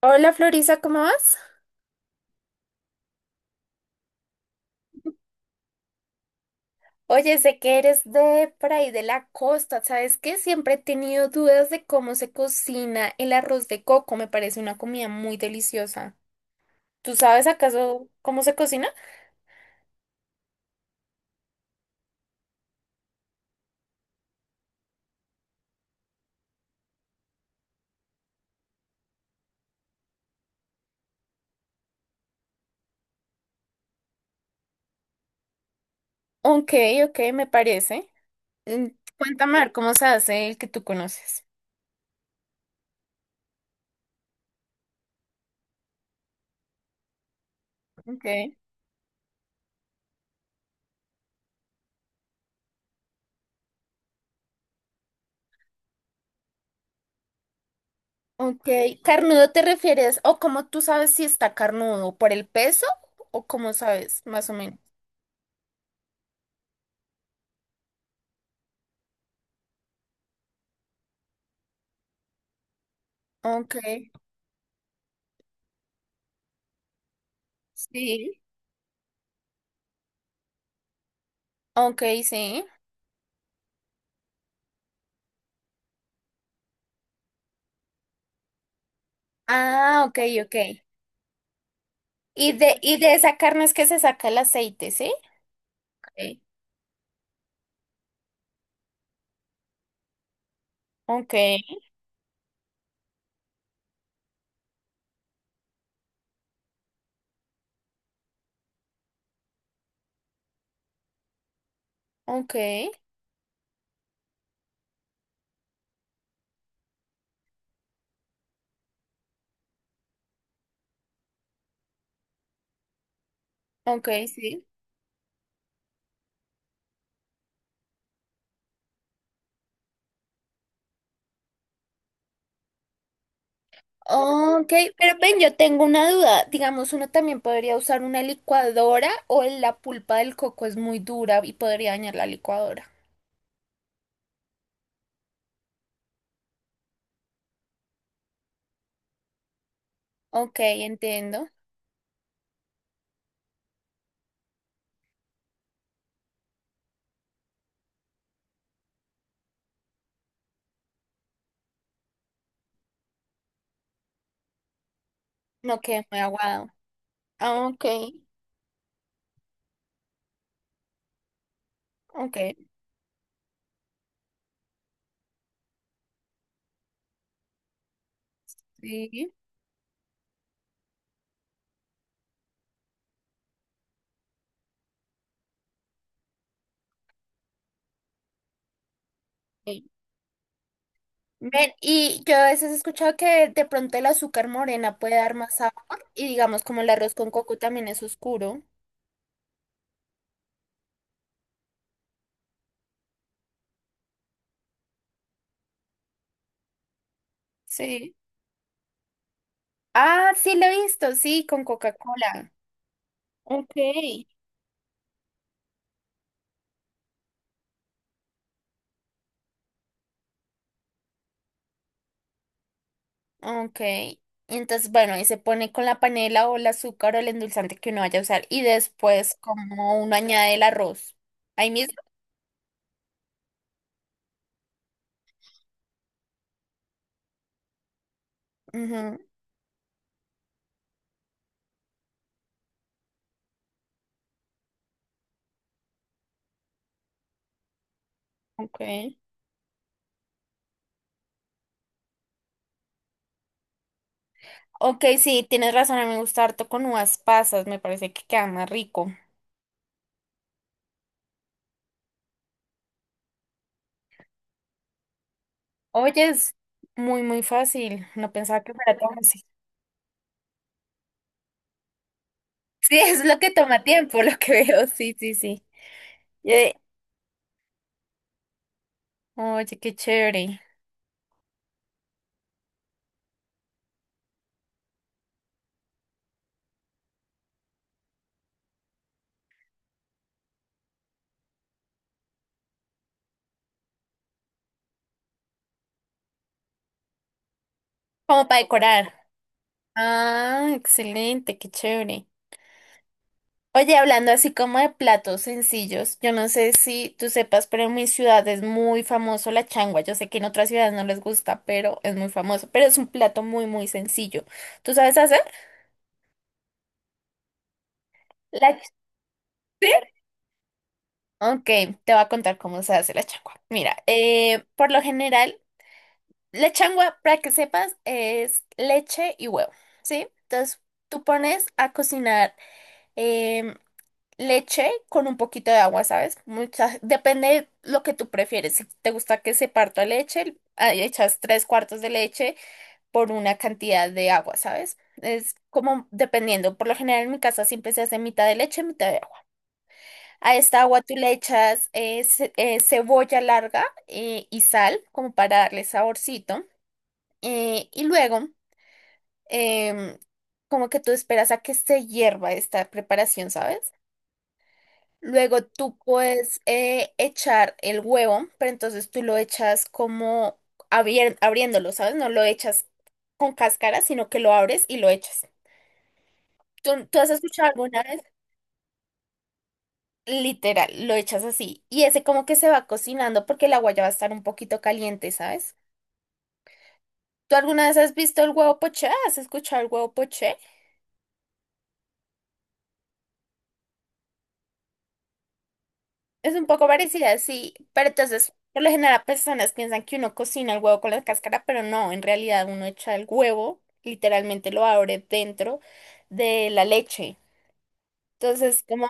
Hola Florisa, ¿cómo vas? Oye, sé que eres de por ahí de la costa, ¿sabes qué? Siempre he tenido dudas de cómo se cocina el arroz de coco, me parece una comida muy deliciosa. ¿Tú sabes acaso cómo se cocina? Ok, ok, me parece. Mm, Cuéntame a ver cómo se hace el que tú conoces. Ok. Ok, ¿carnudo te refieres o cómo tú sabes si está carnudo? ¿Por el peso o cómo sabes, más o menos? Ok, sí. Ok, sí. Ah, ok, ok. Y de esa carne es que se saca el aceite, ¿sí? Ok. Ok, ok, ok, sí. Ok, pero ven, yo tengo una duda. Digamos, uno también podría usar una licuadora o la pulpa del coco es muy dura y podría dañar la licuadora. Ok, entiendo. No quede muy aguado. Ah, ok, ok, sí. Sí. Ven, y yo a veces he escuchado que de pronto el azúcar morena puede dar más sabor y digamos como el arroz con coco también es oscuro. Sí. Ah, sí, lo he visto, sí, con Coca-Cola. Ok. Ok. Entonces, bueno, y se pone con la panela o el azúcar o el endulzante que uno vaya a usar. Y después, como uno añade el arroz. Ahí mismo. Ujú. Ok. Ok, sí, tienes razón. A mí me gusta harto con uvas pasas. Me parece que queda más rico. Oye, es muy, muy fácil. No pensaba que fuera tan fácil. Sí, es lo que toma tiempo, lo que veo. Sí, sí, sí. Eh, Oye, qué chévere. Como para decorar. Ah, excelente, qué chévere. Oye, hablando así como de platos sencillos, yo no sé si tú sepas, pero en mi ciudad es muy famoso la changua. Yo sé que en otras ciudades no les gusta, pero es muy famoso. Pero es un plato muy, muy sencillo. ¿Tú sabes hacer? La... ch- ¿Sí? Ok, te voy a contar cómo se hace la changua. Mira, por lo general, la changua, para que sepas, es leche y huevo, ¿sí? Entonces, tú pones a cocinar. em, Leche con un poquito de agua, ¿sabes? Muchas, depende de lo que tú prefieres. Si te gusta que se parta leche, ahí echas tres cuartos de leche por una cantidad de agua, ¿sabes? Es como dependiendo. Por lo general en mi casa siempre se hace mitad de leche, mitad de agua. A esta agua tú le echas cebolla larga y sal como para darle saborcito. Y luego, em, como que tú esperas a que se hierva esta preparación, ¿sabes? Luego tú puedes echar el huevo, pero entonces tú lo echas como abriéndolo, ¿sabes? No lo echas con cáscara, sino que lo abres y lo echas. ¿Tú has escuchado alguna vez? Literal, lo echas así. Y ese como que se va cocinando porque el agua ya va a estar un poquito caliente, ¿sabes? ¿Tú alguna vez has visto el huevo poché? ¿Has escuchado el huevo poché? Es un poco parecida, sí, pero entonces, por lo general, personas piensan que uno cocina el huevo con la cáscara, pero no, en realidad uno echa el huevo, literalmente lo abre dentro de la leche. Entonces, como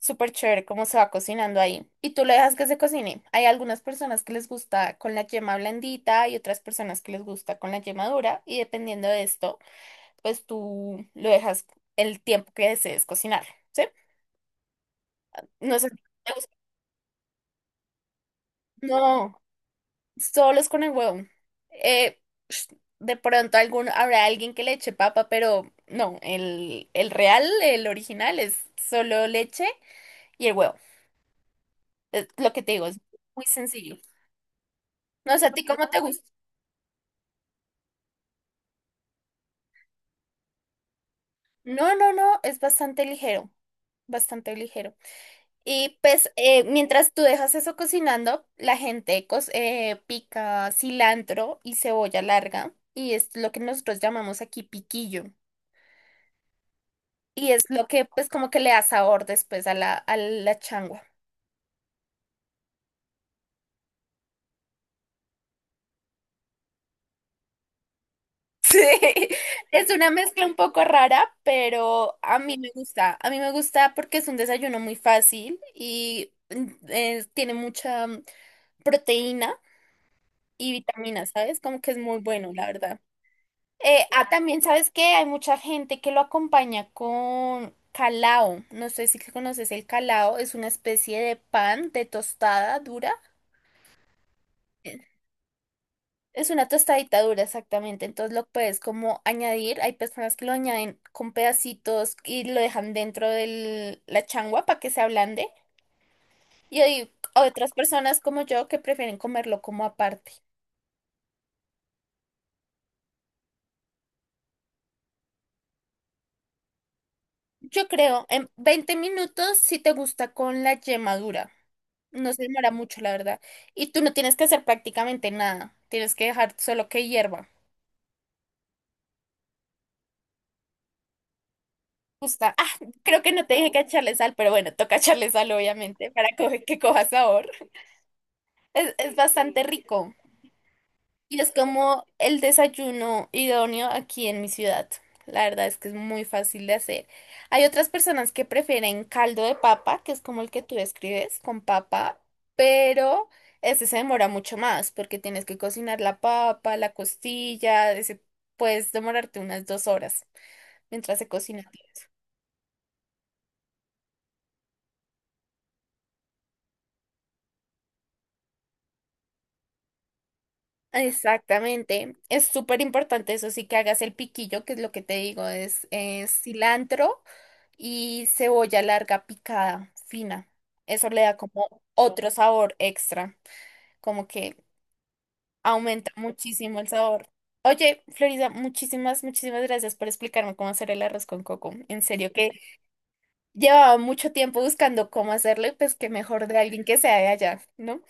súper chévere cómo se va cocinando ahí. Y tú lo dejas que se cocine. Hay algunas personas que les gusta con la yema blandita y otras personas que les gusta con la yema dura, y dependiendo de esto, pues tú lo dejas el tiempo que desees cocinar, ¿sí? No sé si te gusta. No. Solos con el huevo. Eh, de pronto algún, habrá alguien que le eche papa, pero no, el real, el original es solo leche y el huevo. Es lo que te digo, es muy sencillo. No sé, ¿a ti cómo te gusta? No, no, no, es bastante ligero, bastante ligero. Y pues mientras tú dejas eso cocinando, la gente pica cilantro y cebolla larga y es lo que nosotros llamamos aquí piquillo. Y es lo que pues como que le da sabor después a a la changua. Sí. Es una mezcla un poco rara, pero a mí me gusta. A mí me gusta porque es un desayuno muy fácil y tiene mucha proteína y vitaminas, ¿sabes? Como que es muy bueno, la verdad. También, ¿sabes que hay mucha gente que lo acompaña con calao? No sé si conoces el calao. Es una especie de pan de tostada dura. eh, Es una tostadita dura, exactamente. Entonces lo puedes como añadir. Hay personas que lo añaden con pedacitos y lo dejan dentro de la changua para que se ablande. Y hay otras personas como yo que prefieren comerlo como aparte. Yo creo en 20 minutos si te gusta con la yema dura. No se demora mucho, la verdad. Y tú no tienes que hacer prácticamente nada. Tienes que dejar solo que hierva. Gusta. Ah, creo que no te dije que echarle sal, pero bueno, toca echarle sal, obviamente, para que coja sabor. Es bastante rico y es como el desayuno idóneo aquí en mi ciudad. La verdad es que es muy fácil de hacer. Hay otras personas que prefieren caldo de papa, que es como el que tú describes, con papa, pero este se demora mucho más porque tienes que cocinar la papa, la costilla, puedes demorarte unas 2 horas mientras se cocina. Exactamente, es súper importante eso sí que hagas el piquillo, que es lo que te digo, es cilantro y cebolla larga picada, fina. Eso le da como otro sabor extra, como que aumenta muchísimo el sabor. Oye, Florida, muchísimas, muchísimas gracias por explicarme cómo hacer el arroz con coco. En serio que llevaba mucho tiempo buscando cómo hacerlo y pues que mejor de alguien que sea de allá, ¿no?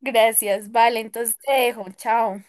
Gracias, vale, entonces te dejo, chao.